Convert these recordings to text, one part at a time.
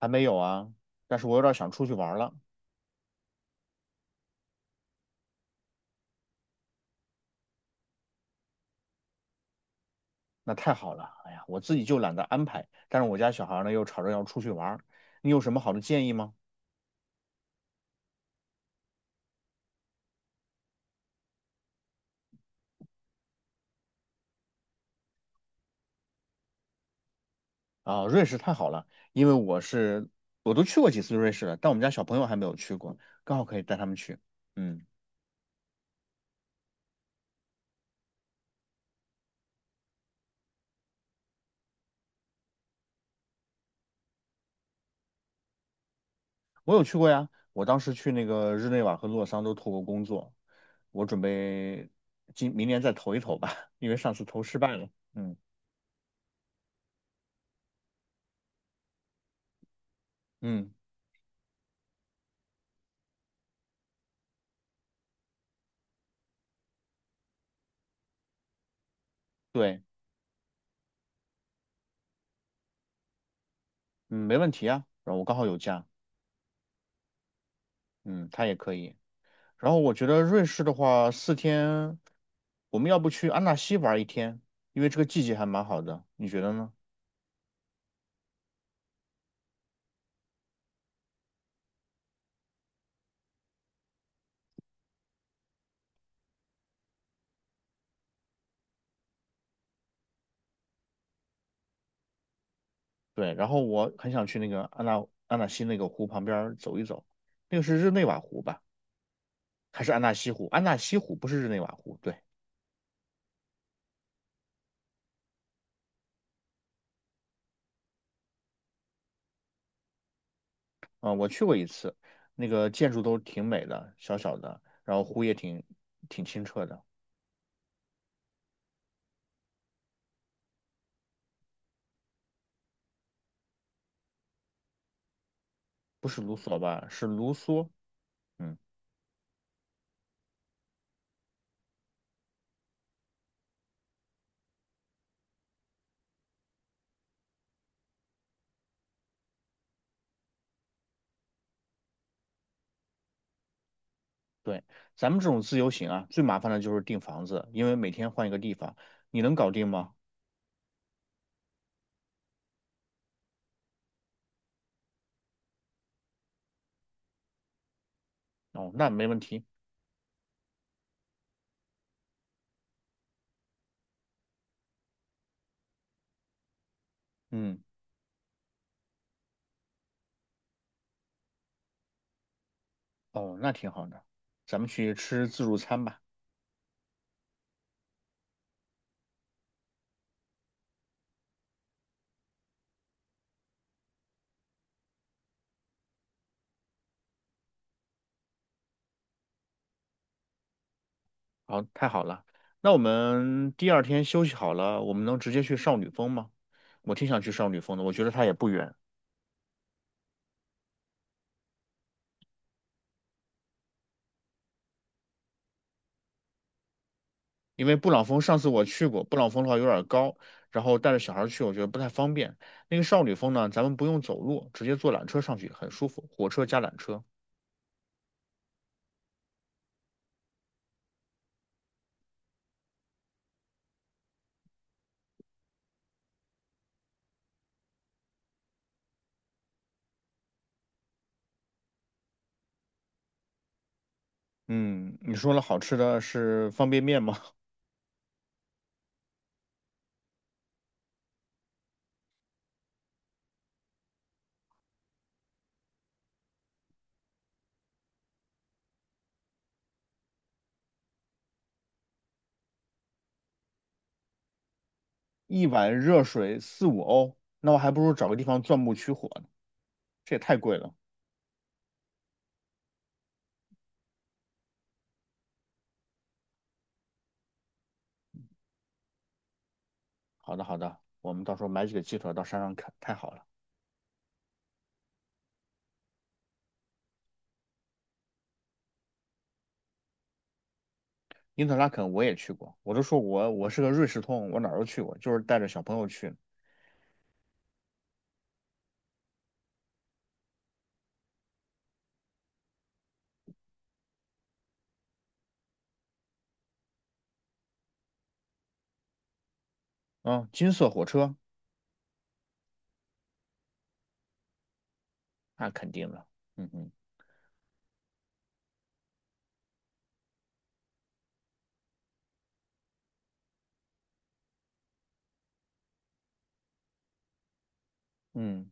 还没有啊，但是我有点想出去玩了。那太好了，哎呀，我自己就懒得安排，但是我家小孩呢又吵着要出去玩儿，你有什么好的建议吗？啊，瑞士太好了，因为我都去过几次瑞士了，但我们家小朋友还没有去过，刚好可以带他们去。嗯，我有去过呀，我当时去那个日内瓦和洛桑都投过工作，我准备今明年再投一投吧，因为上次投失败了。嗯嗯，对，嗯，没问题啊，然后我刚好有假，嗯，他也可以。然后我觉得瑞士的话，四天，我们要不去安纳西玩一天，因为这个季节还蛮好的，你觉得呢？对，然后我很想去那个安纳西那个湖旁边儿走一走，那个是日内瓦湖吧？还是安纳西湖？安纳西湖不是日内瓦湖，对，啊、我去过一次，那个建筑都挺美的，小小的，然后湖也挺清澈的，不是卢梭吧？是卢梭，嗯，对。咱们这种自由行啊，最麻烦的就是订房子，因为每天换一个地方，你能搞定吗？哦，那没问题。嗯，哦，那挺好的，咱们去吃自助餐吧。好，太好了。那我们第二天休息好了，我们能直接去少女峰吗？我挺想去少女峰的，我觉得它也不远，因为布朗峰上次我去过，布朗峰的话有点高，然后带着小孩去我觉得不太方便。那个少女峰呢，咱们不用走路，直接坐缆车上去，很舒服，火车加缆车。嗯，你说了好吃的是方便面吗？一碗热水四五欧，那我还不如找个地方钻木取火这也太贵了。好的，好的，我们到时候买几个鸡腿到山上啃，太好了。因特拉肯我也去过，我都说我是个瑞士通，我哪儿都去过，就是带着小朋友去的。嗯，金色火车那肯定的，嗯嗯嗯，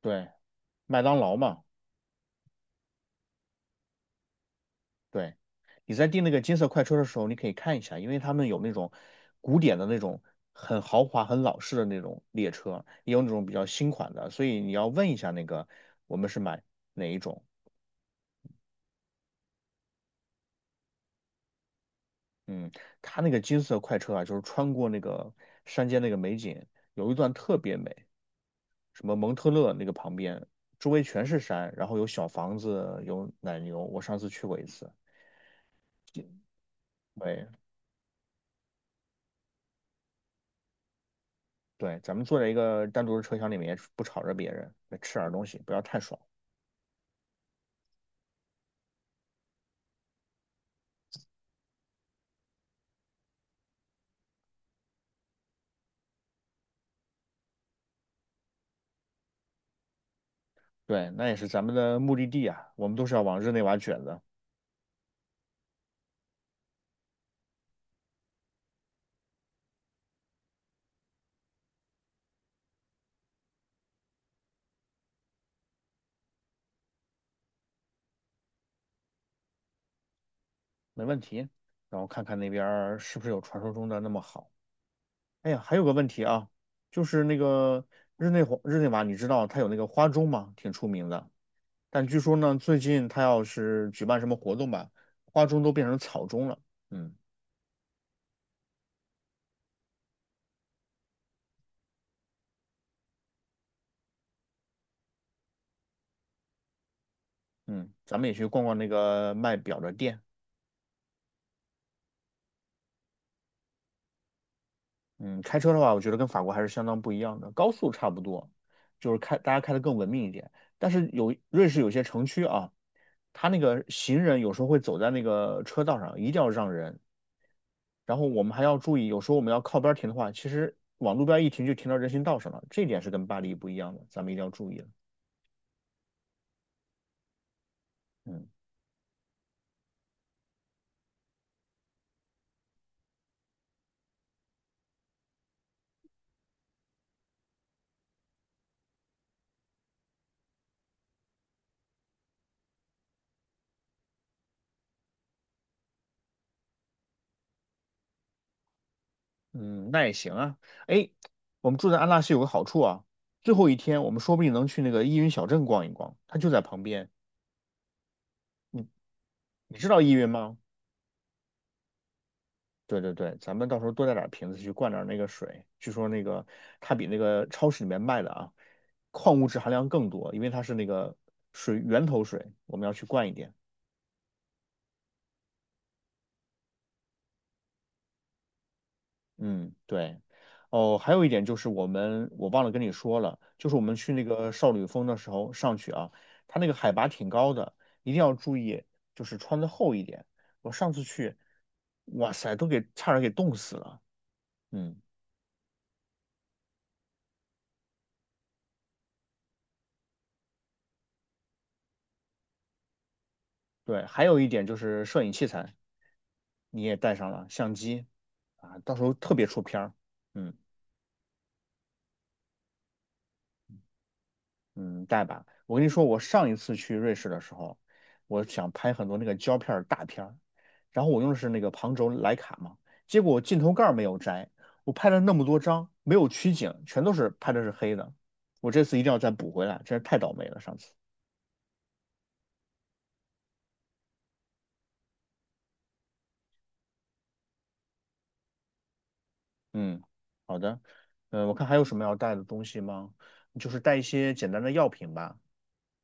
对，麦当劳嘛，对。你在订那个金色快车的时候，你可以看一下，因为他们有那种古典的那种很豪华、很老式的那种列车，也有那种比较新款的，所以你要问一下那个我们是买哪一种。嗯，它那个金色快车啊，就是穿过那个山间那个美景，有一段特别美，什么蒙特勒那个旁边，周围全是山，然后有小房子，有奶牛。我上次去过一次，对对，咱们坐在一个单独的车厢里面，不吵着别人，吃点东西，不要太爽。对，那也是咱们的目的地啊，我们都是要往日内瓦卷的，没问题。然后看看那边儿是不是有传说中的那么好。哎呀，还有个问题啊，就是那个日内瓦，你知道它有那个花钟吗？挺出名的。但据说呢，最近它要是举办什么活动吧，花钟都变成草钟了。嗯嗯，咱们也去逛逛那个卖表的店。嗯，开车的话，我觉得跟法国还是相当不一样的，高速差不多，就是大家开的更文明一点。但是有瑞士有些城区啊，它那个行人有时候会走在那个车道上，一定要让人，然后我们还要注意，有时候我们要靠边停的话，其实往路边一停就停到人行道上了，这点是跟巴黎不一样的，咱们一定要注意了。嗯嗯，那也行啊。哎，我们住在安纳西有个好处啊，最后一天我们说不定能去那个依云小镇逛一逛，它就在旁边。你你知道依云吗？对对对，咱们到时候多带点瓶子去灌点那个水，据说那个它比那个超市里面卖的啊，矿物质含量更多，因为它是那个水源头水，我们要去灌一点。嗯，对。哦，还有一点就是我忘了跟你说了，就是我们去那个少女峰的时候上去啊，它那个海拔挺高的，一定要注意，就是穿的厚一点。我上次去，哇塞，都给差点给冻死了。嗯，对。还有一点就是摄影器材，你也带上了相机啊，到时候特别出片儿。嗯。嗯，带吧。我跟你说，我上一次去瑞士的时候，我想拍很多那个胶片儿大片儿，然后我用的是那个旁轴徕卡嘛，结果我镜头盖儿没有摘，我拍了那么多张，没有取景，全都是拍的是黑的。我这次一定要再补回来，真是太倒霉了，上次。嗯，好的。嗯，我看还有什么要带的东西吗？就是带一些简单的药品吧。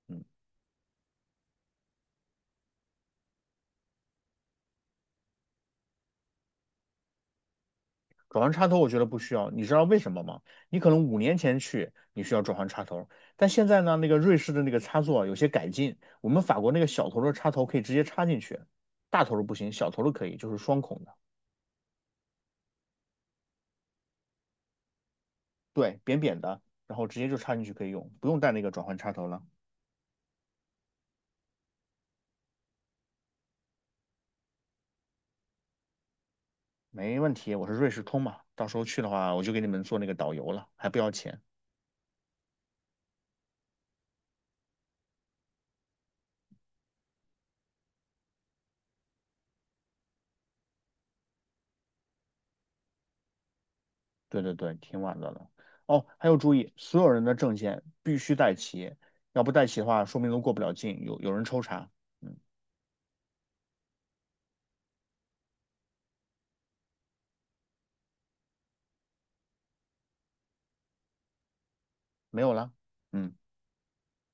嗯。转换插头我觉得不需要，你知道为什么吗？你可能5年前去你需要转换插头，但现在呢，那个瑞士的那个插座啊有些改进，我们法国那个小头的插头可以直接插进去，大头的不行，小头的可以，就是双孔的，对，扁扁的，然后直接就插进去可以用，不用带那个转换插头了，没问题。我是瑞士通嘛，到时候去的话我就给你们做那个导游了，还不要钱。对对对，挺晚的了。哦，还有注意，所有人的证件必须带齐，要不带齐的话，说明都过不了境，有人抽查。嗯。没有了。嗯，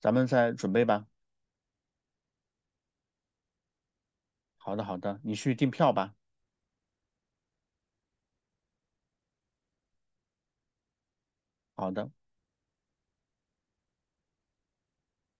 咱们再准备吧。好的，好的，你去订票吧。好的。